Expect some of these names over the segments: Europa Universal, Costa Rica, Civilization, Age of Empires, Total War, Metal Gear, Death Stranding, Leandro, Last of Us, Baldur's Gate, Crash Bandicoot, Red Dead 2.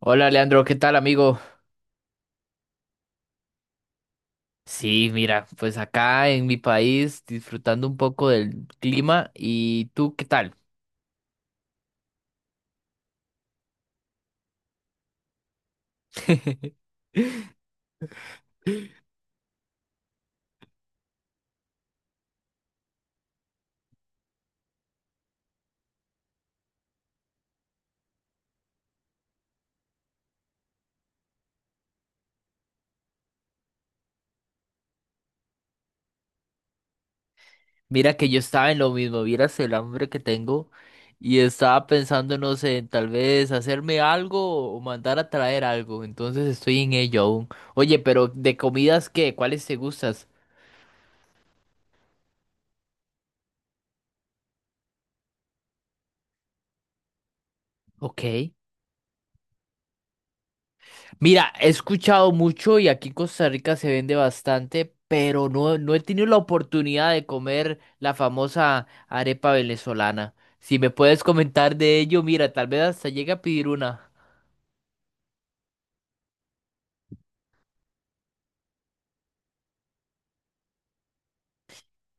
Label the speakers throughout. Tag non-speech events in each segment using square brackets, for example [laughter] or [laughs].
Speaker 1: Hola Leandro, ¿qué tal amigo? Sí, mira, pues acá en mi país disfrutando un poco del clima y tú, ¿qué tal? [laughs] Mira que yo estaba en lo mismo, vieras el hambre que tengo y estaba pensando, no sé, en tal vez hacerme algo o mandar a traer algo, entonces estoy en ello aún. Oye, pero de comidas, ¿qué? ¿Cuáles te gustas? Ok. Mira, he escuchado mucho y aquí en Costa Rica se vende bastante, pero no he tenido la oportunidad de comer la famosa arepa venezolana. Si me puedes comentar de ello, mira, tal vez hasta llegue a pedir una.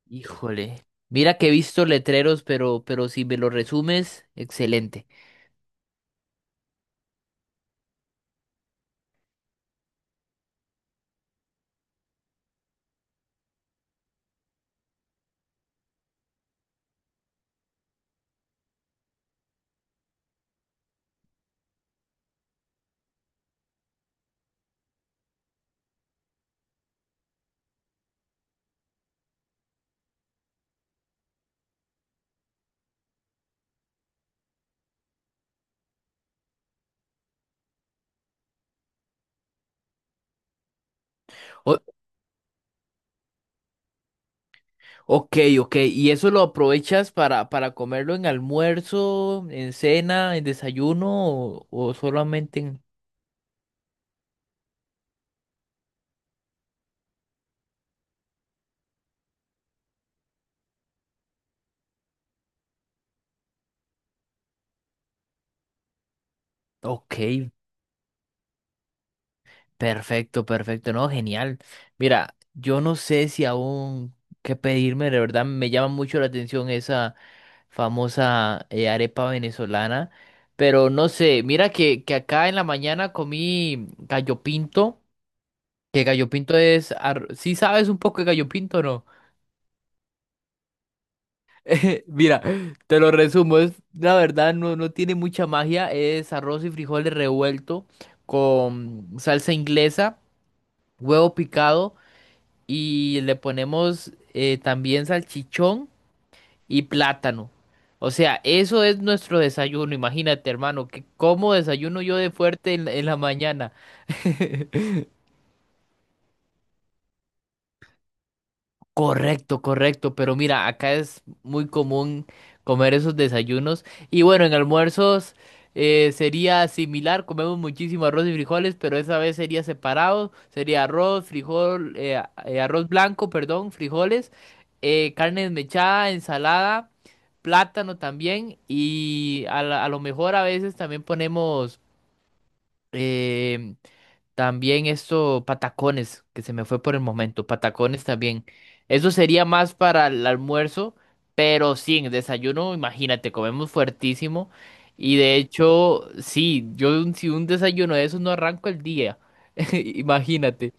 Speaker 1: Híjole. Mira que he visto letreros, pero si me lo resumes, excelente. O- ok, ok. ¿Y eso lo aprovechas para comerlo en almuerzo, en cena, en desayuno o solamente en... Ok, perfecto, perfecto, no, genial. Mira, yo no sé si aún qué pedirme, de verdad me llama mucho la atención esa famosa arepa venezolana, pero no sé, mira que acá en la mañana comí gallo pinto, que gallo pinto es, ¿sí sabes un poco de gallo pinto o no? [laughs] Mira, te lo resumo, es, la verdad no tiene mucha magia, es arroz y frijoles revuelto con salsa inglesa, huevo picado. Y le ponemos también salchichón y plátano. O sea, eso es nuestro desayuno. Imagínate, hermano, que como desayuno yo de fuerte en la mañana. Correcto, correcto, pero mira, acá es muy común comer esos desayunos y bueno, en almuerzos sería similar, comemos muchísimo arroz y frijoles, pero esa vez sería separado, sería arroz, frijol, arroz blanco, perdón, frijoles, carne desmechada, ensalada, plátano también y a lo mejor a veces también ponemos em, también esto, patacones, que se me fue por el momento, patacones también. Eso sería más para el almuerzo, pero sí, en el desayuno, imagínate, comemos fuertísimo. Y de hecho, sí, yo si un desayuno de esos no arranco el día, [laughs] imagínate.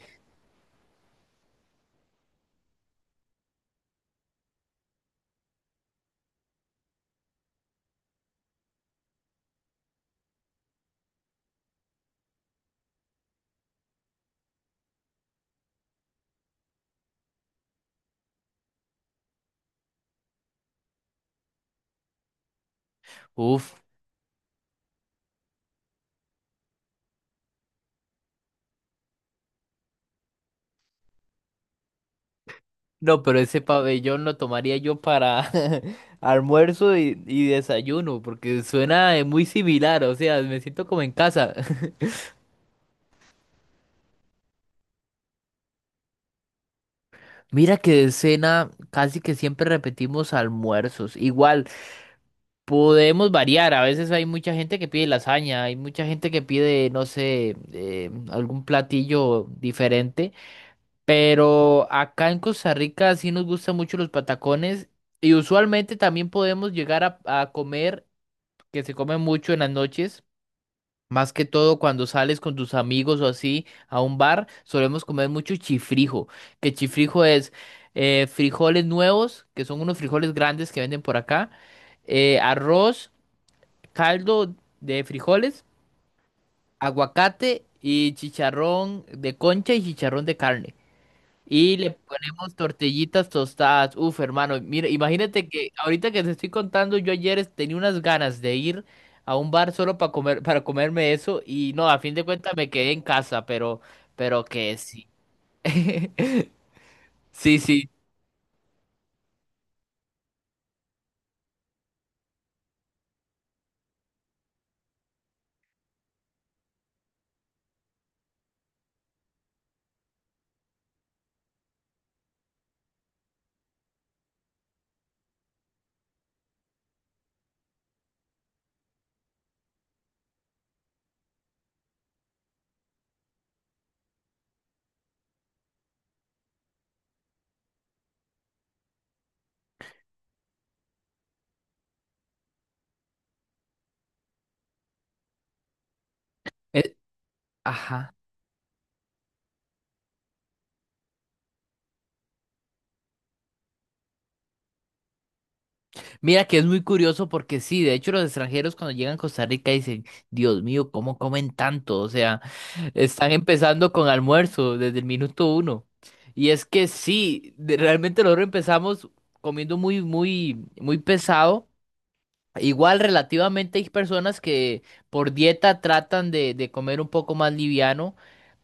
Speaker 1: Uf, no, pero ese pabellón lo tomaría yo para [laughs] almuerzo y desayuno, porque suena muy similar, o sea, me siento como en casa. Mira que de cena casi que siempre repetimos almuerzos. Igual, podemos variar. A veces hay mucha gente que pide lasaña, hay mucha gente que pide, no sé, algún platillo diferente. Pero acá en Costa Rica sí nos gustan mucho los patacones y usualmente también podemos llegar a comer, que se come mucho en las noches. Más que todo cuando sales con tus amigos o así a un bar, solemos comer mucho chifrijo. Que chifrijo es frijoles nuevos, que son unos frijoles grandes que venden por acá, arroz, caldo de frijoles, aguacate y chicharrón de concha y chicharrón de carne. Y le ponemos tortillitas tostadas. Uf, hermano, mira, imagínate que ahorita que te estoy contando, yo ayer tenía unas ganas de ir a un bar solo para comer, para comerme eso y no, a fin de cuentas me quedé en casa, pero, que sí. [laughs] Sí, sí. eh, ajá. Mira que es muy curioso porque sí, de hecho los extranjeros cuando llegan a Costa Rica dicen, Dios mío, ¿cómo comen tanto? O sea, [laughs] están empezando con almuerzo desde el minuto uno. Y es que sí, realmente nosotros empezamos comiendo muy, muy, muy pesado. Igual relativamente hay personas que por dieta tratan de comer un poco más liviano,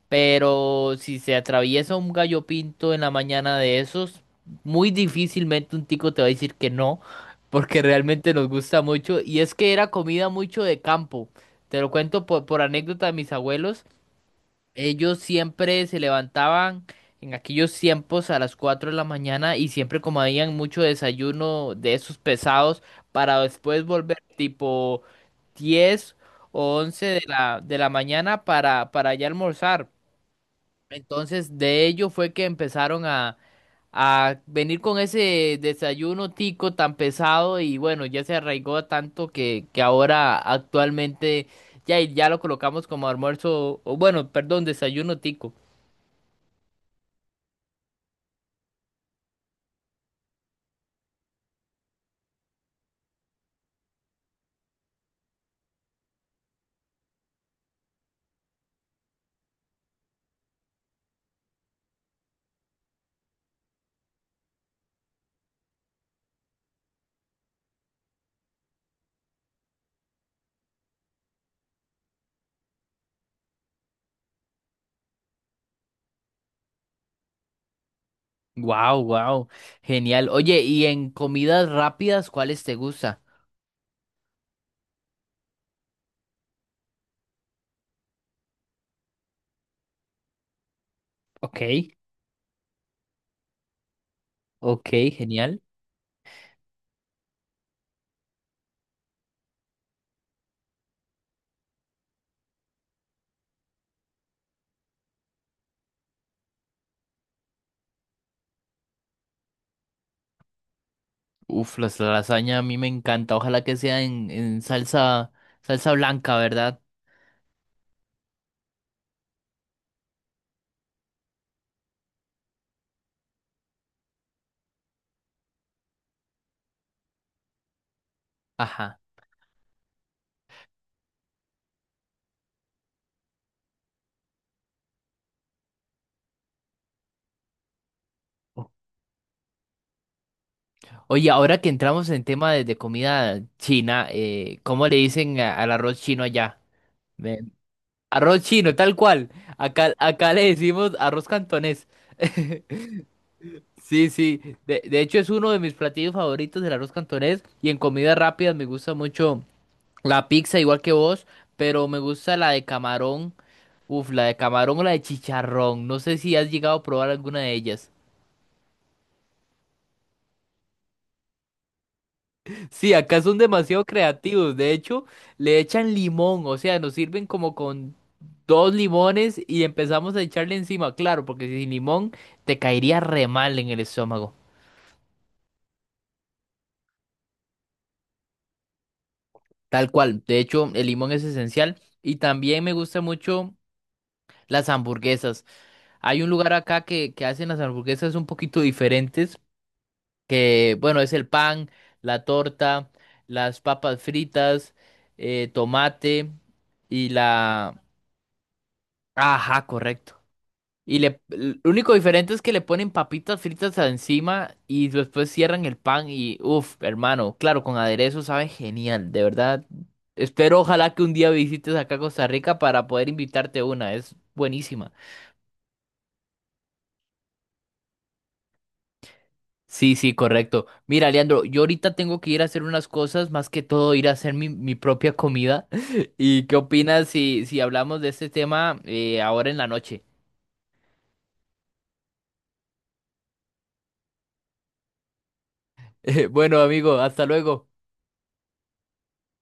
Speaker 1: pero si se atraviesa un gallo pinto en la mañana de esos, muy difícilmente un tico te va a decir que no, porque realmente nos gusta mucho. Y es que era comida mucho de campo. Te lo cuento por anécdota de mis abuelos. Ellos siempre se levantaban en aquellos tiempos a las 4 de la mañana y siempre comían mucho desayuno de esos pesados para después volver tipo 10 o 11 de la, mañana para ya almorzar. Entonces, de ello fue que empezaron a venir con ese desayuno tico tan pesado y bueno, ya se arraigó tanto que, ahora actualmente ya lo colocamos como almuerzo, o bueno, perdón, desayuno tico. Wow, wow, genial. Oye, ¿y en comidas rápidas cuáles te gusta? Ok, ok, genial. Uf, las lasaña a mí me encanta. Ojalá que sea en, salsa, salsa blanca, ¿verdad? Ajá. Oye, ahora que entramos en tema de comida china, ¿cómo le dicen al arroz chino allá? Me- arroz chino, tal cual. Acá le decimos arroz cantonés. [laughs] Sí, sí. De hecho, es uno de mis platillos favoritos, el arroz cantonés. Y en comidas rápidas me gusta mucho la pizza, igual que vos, pero me gusta la de camarón. Uf, la de camarón o la de chicharrón. No sé si has llegado a probar alguna de ellas. Sí, acá son demasiado creativos. De hecho, le echan limón, o sea, nos sirven como con dos limones y empezamos a echarle encima, claro, porque sin limón te caería re mal en el estómago. Tal cual. De hecho, el limón es esencial. Y también me gusta mucho las hamburguesas. Hay un lugar acá que, hacen las hamburguesas un poquito diferentes, que bueno, es el pan, la torta, las papas fritas, tomate y la... Ajá, correcto. Y lo único diferente es que le ponen papitas fritas a encima y después cierran el pan y, uff, hermano, claro, con aderezo sabe genial, de verdad. Espero, ojalá que un día visites acá a Costa Rica para poder invitarte una, es buenísima. Sí, sí, correcto. Mira, Leandro, yo ahorita tengo que ir a hacer unas cosas, más que todo ir a hacer mi propia comida. [laughs] ¿Y qué opinas si hablamos de este tema ahora en la noche? [laughs] Bueno, amigo, hasta luego.